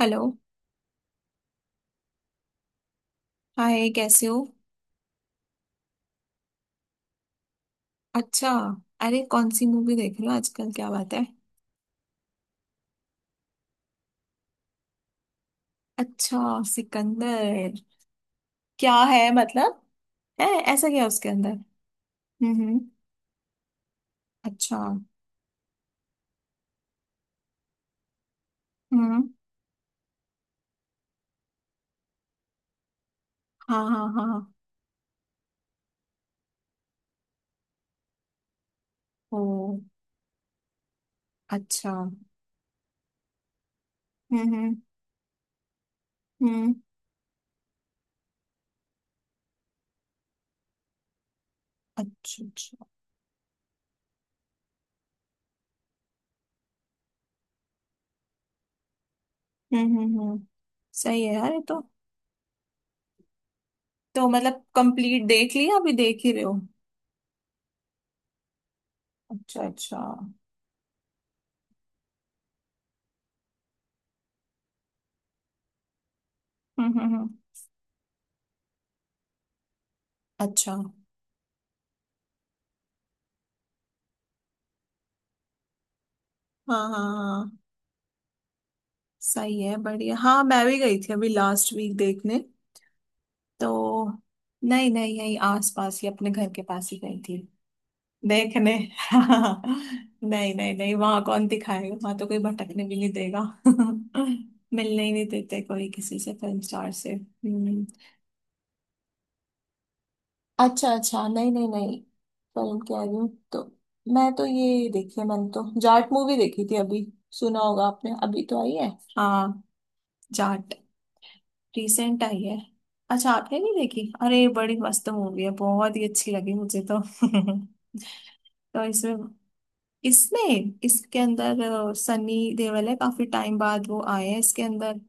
Hello. Hi, कैसे हो? अच्छा। अरे, कौन सी मूवी देख रहे हो आजकल? क्या बात है? अच्छा, सिकंदर। क्या है मतलब? है? ऐसा क्या है उसके अंदर? हम्म, हम्म। अच्छा। हम्म। हाँ, हाँ, हाँ। ओ। अच्छा, हम्म। हम्म, हम्म। अच्छा, अच्छा। हम्म, हम्म, हम्म। सही है यार, ये तो। तो मतलब कंप्लीट देख लिया, अभी देख ही रहे हो? अच्छा, अच्छा, हम्म। हम्म, हम्म। अच्छा। हाँ, हाँ, हाँ। सही है, बढ़िया। हाँ, मैं भी गई थी अभी लास्ट वीक देखने। तो नहीं नहीं, यही आस पास ही अपने घर के पास ही गई थी। देखने। नहीं नहीं नहीं, वहां कौन दिखाएगा? वहां तो कोई भटकने भी नहीं देगा। मिलने ही नहीं देते कोई किसी से फिल्म स्टार से। हम्म। अच्छा अच्छा, नहीं नहीं नहीं। फिल्म कह रही हूँ तो। मैं तो ये देखी है, मैंने तो जाट मूवी देखी थी अभी। सुना होगा आपने, अभी तो आई है। हाँ, जाट। रिसेंट आई है। अच्छा, आपने नहीं देखी? अरे, बड़ी मस्त मूवी है, बहुत ही अच्छी लगी मुझे तो। तो इसमें इसमें इसके अंदर सनी देओल है, काफी टाइम बाद वो आए हैं इसके अंदर।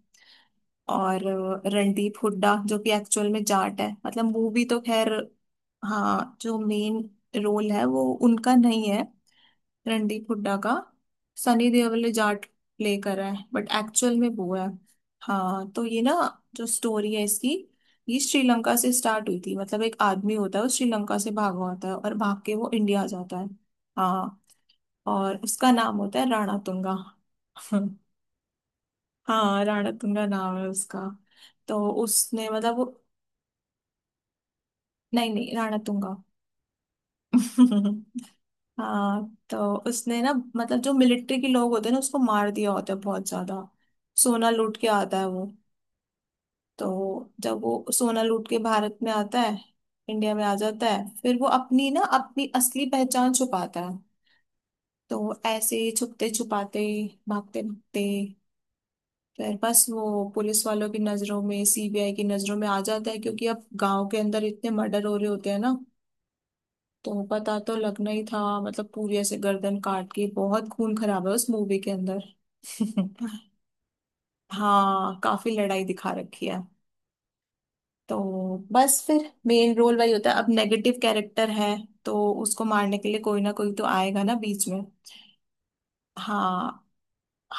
और रणदीप हुड्डा, जो कि एक्चुअल में जाट है, मतलब मूवी तो खैर। हाँ, जो मेन रोल है वो उनका नहीं है, रणदीप हुड्डा का। सनी देओल ने जाट प्ले करा है, बट एक्चुअल में वो है। हाँ तो ये ना, जो स्टोरी है इसकी, ये श्रीलंका से स्टार्ट हुई थी। मतलब एक आदमी होता है, वो श्रीलंका से भागा होता है और भाग के वो इंडिया आ जाता है। हाँ। और उसका नाम होता है राणा तुंगा। हाँ, राणा तुंगा नाम है उसका। तो उसने मतलब वो। नहीं नहीं, राणा तुंगा। हाँ तो उसने ना, मतलब जो मिलिट्री के लोग होते हैं ना, उसको मार दिया होता है बहुत ज्यादा। सोना लूट के आता है वो। तो जब वो सोना लूट के भारत में आता है, इंडिया में आ जाता है, फिर वो अपनी असली पहचान छुपाता है। तो ऐसे ही छुपते छुपाते, भागते भागते, फिर बस वो पुलिस वालों की नजरों में, सीबीआई की नजरों में आ जाता है। क्योंकि अब गांव के अंदर इतने मर्डर हो रहे होते हैं ना, तो पता तो लगना ही था। मतलब पूरी ऐसे गर्दन काट के, बहुत खून खराब है उस मूवी के अंदर। हाँ, काफी लड़ाई दिखा रखी है। तो बस फिर मेन रोल वही होता है, अब नेगेटिव कैरेक्टर है। तो उसको मारने के लिए कोई ना कोई तो आएगा ना बीच में। हाँ,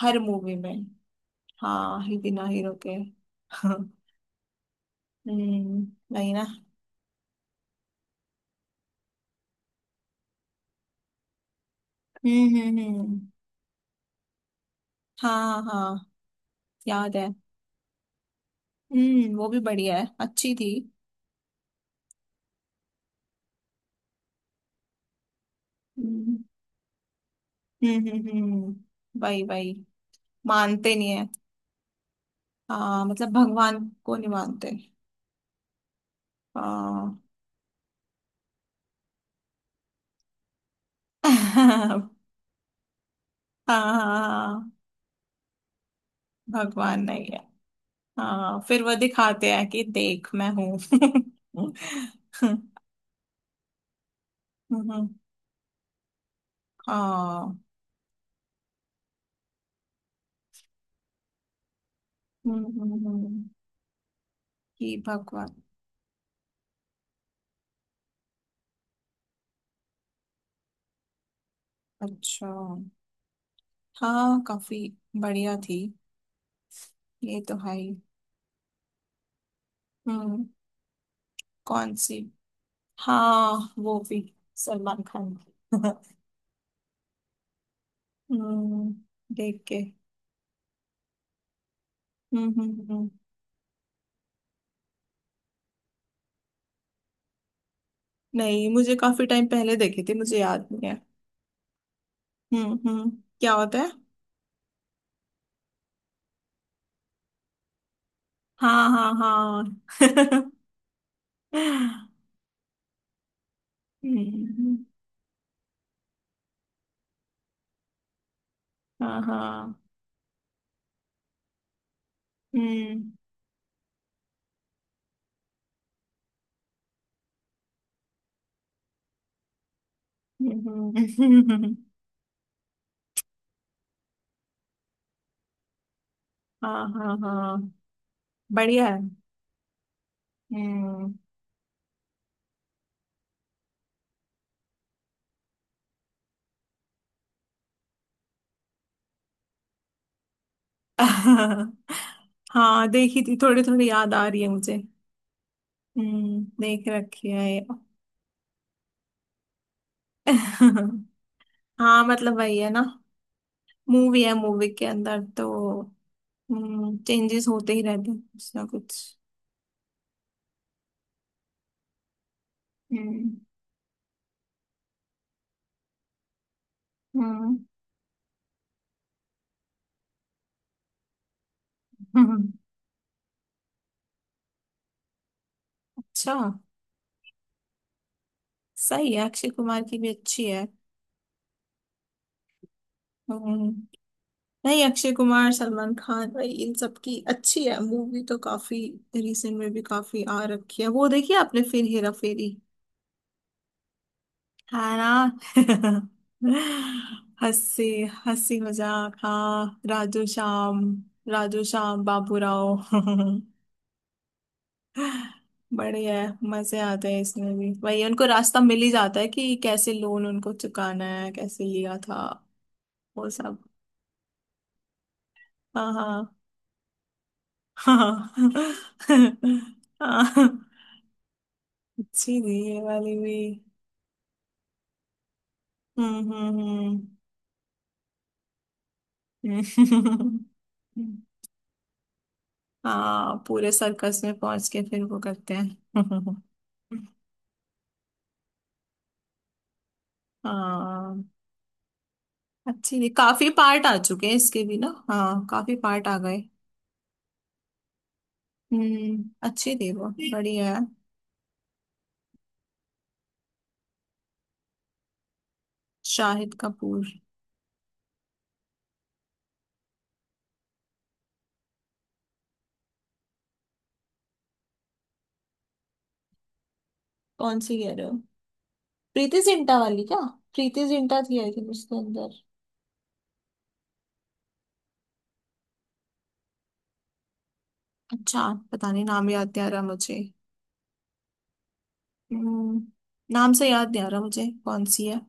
हर मूवी में। हाँ ही, बिना हीरो के। हम्म, वही ना। हम्म, हम्म, हम्म। हाँ हाँ, याद है। हम्म, वो भी बढ़िया है, अच्छी थी। हम्म, हम्म, हम्म। हम्म, वही वही। मानते नहीं है। हाँ मतलब भगवान को नहीं मानते। हाँ। हाँ, हाँ। भगवान नहीं है। हाँ, फिर वो दिखाते हैं कि देख मैं हूँ। हाँ। हम्म। कि भगवान। अच्छा। हाँ, काफी बढ़िया थी। ये तो है ही। हम्म। कौन सी? हाँ, वो भी, सलमान खान की। हम्म, देख के। हम्म, हम्म, हम्म। नहीं, मुझे काफी टाइम पहले देखी थी, मुझे याद नहीं है। हम्म, हम्म। क्या होता है? हाँ, हाँ, हाँ। हम्म। हाँ हाँ। हम्म, हम्म। हाँ, हाँ, हाँ। बढ़िया है। हम्म। हाँ, देखी थी, थोड़ी थोड़ी याद आ रही है मुझे। हम्म, देख रखी है ये। हाँ, मतलब वही है ना, मूवी है। मूवी के अंदर तो चेंजेस होते ही रहते हैं, कुछ ना कुछ। हम्म, हम्म। अच्छा। सही है, अक्षय कुमार की भी अच्छी है। हम्म। नहीं, अक्षय कुमार सलमान खान भाई इन सब की अच्छी है मूवी तो काफी। रिसेंट में भी काफी आ रखी है। वो देखी आपने फिर, हेरा फेरी? है ना। हंसी। हंसी मजाक। हाँ, राजू श्याम। राजू श्याम बाबू राव। बढ़िया है, मजे आते हैं। इसमें भी वही, उनको रास्ता मिल ही जाता है कि कैसे लोन उनको चुकाना है, कैसे लिया था, वो सब। हाँ हाँ हाँ। हाँ। अच्छी थी ये वाली भी। हम्म, हम्म, हम्म। हाँ, पूरे सर्कस में पहुंच के फिर वो करते हैं। हाँ। अच्छी थी, काफी पार्ट आ चुके हैं इसके भी ना। हाँ, काफी पार्ट आ गए। हम्म, अच्छी थी वो, बढ़िया है। शाहिद कपूर। कौन सी कह रहे हो? प्रीति जिंटा वाली क्या? प्रीति जिंटा थी आई थिंक उसके अंदर। अच्छा, पता नहीं, नाम याद नहीं आ रहा मुझे। हम्म, नाम से याद नहीं आ रहा मुझे कौन सी है।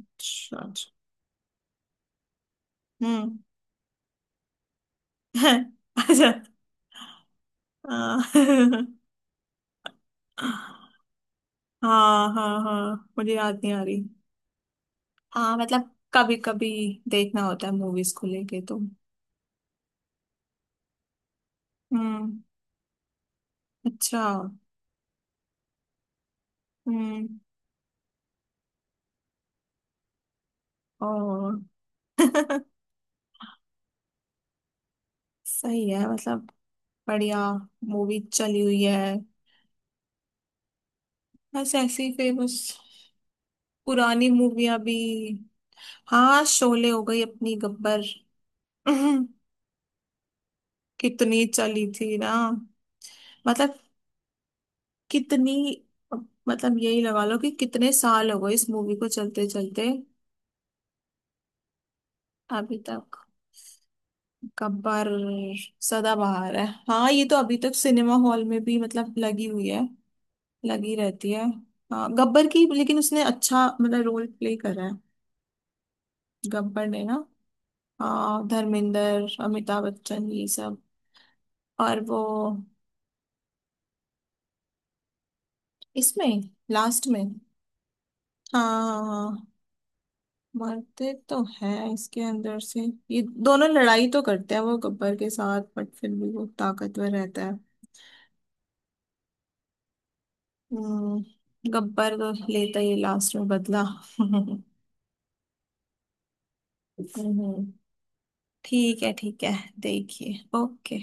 अच्छा, अच्छा। हम्म। अच्छा। हाँ। हाँ हाँ हाँ, मुझे याद नहीं आ रही। हाँ, मतलब कभी कभी देखना होता है मूवीज को लेके तो। हम्म। अच्छा। हम्म। और। सही है, मतलब। बढ़िया। मूवी चली हुई है, बस ऐसी फेमस पुरानी मूवियां भी। हाँ, शोले हो गई अपनी, गब्बर। कितनी चली थी ना, मतलब कितनी, मतलब यही लगा लो कि कितने साल हो गए इस मूवी को चलते चलते। अभी तक। गब्बर। सदाबहार है, हाँ, ये तो अभी तक सिनेमा हॉल में भी मतलब लगी हुई है, लगी रहती है। हाँ, गब्बर की, लेकिन उसने अच्छा मतलब रोल प्ले करा है, गब्बर ने ना। हाँ, धर्मेंद्र, अमिताभ बच्चन, ये सब। और वो, इसमें, लास्ट में। हाँ, हाँ, हाँ। मरते तो हैं इसके अंदर से। ये दोनों लड़ाई तो करते हैं वो गब्बर के साथ, बट फिर भी वो ताकतवर रहता है। हम्म, गब्बर तो लेता ही लास्ट में बदला। हम्म। ठीक है, ठीक है। देखिए, ओके।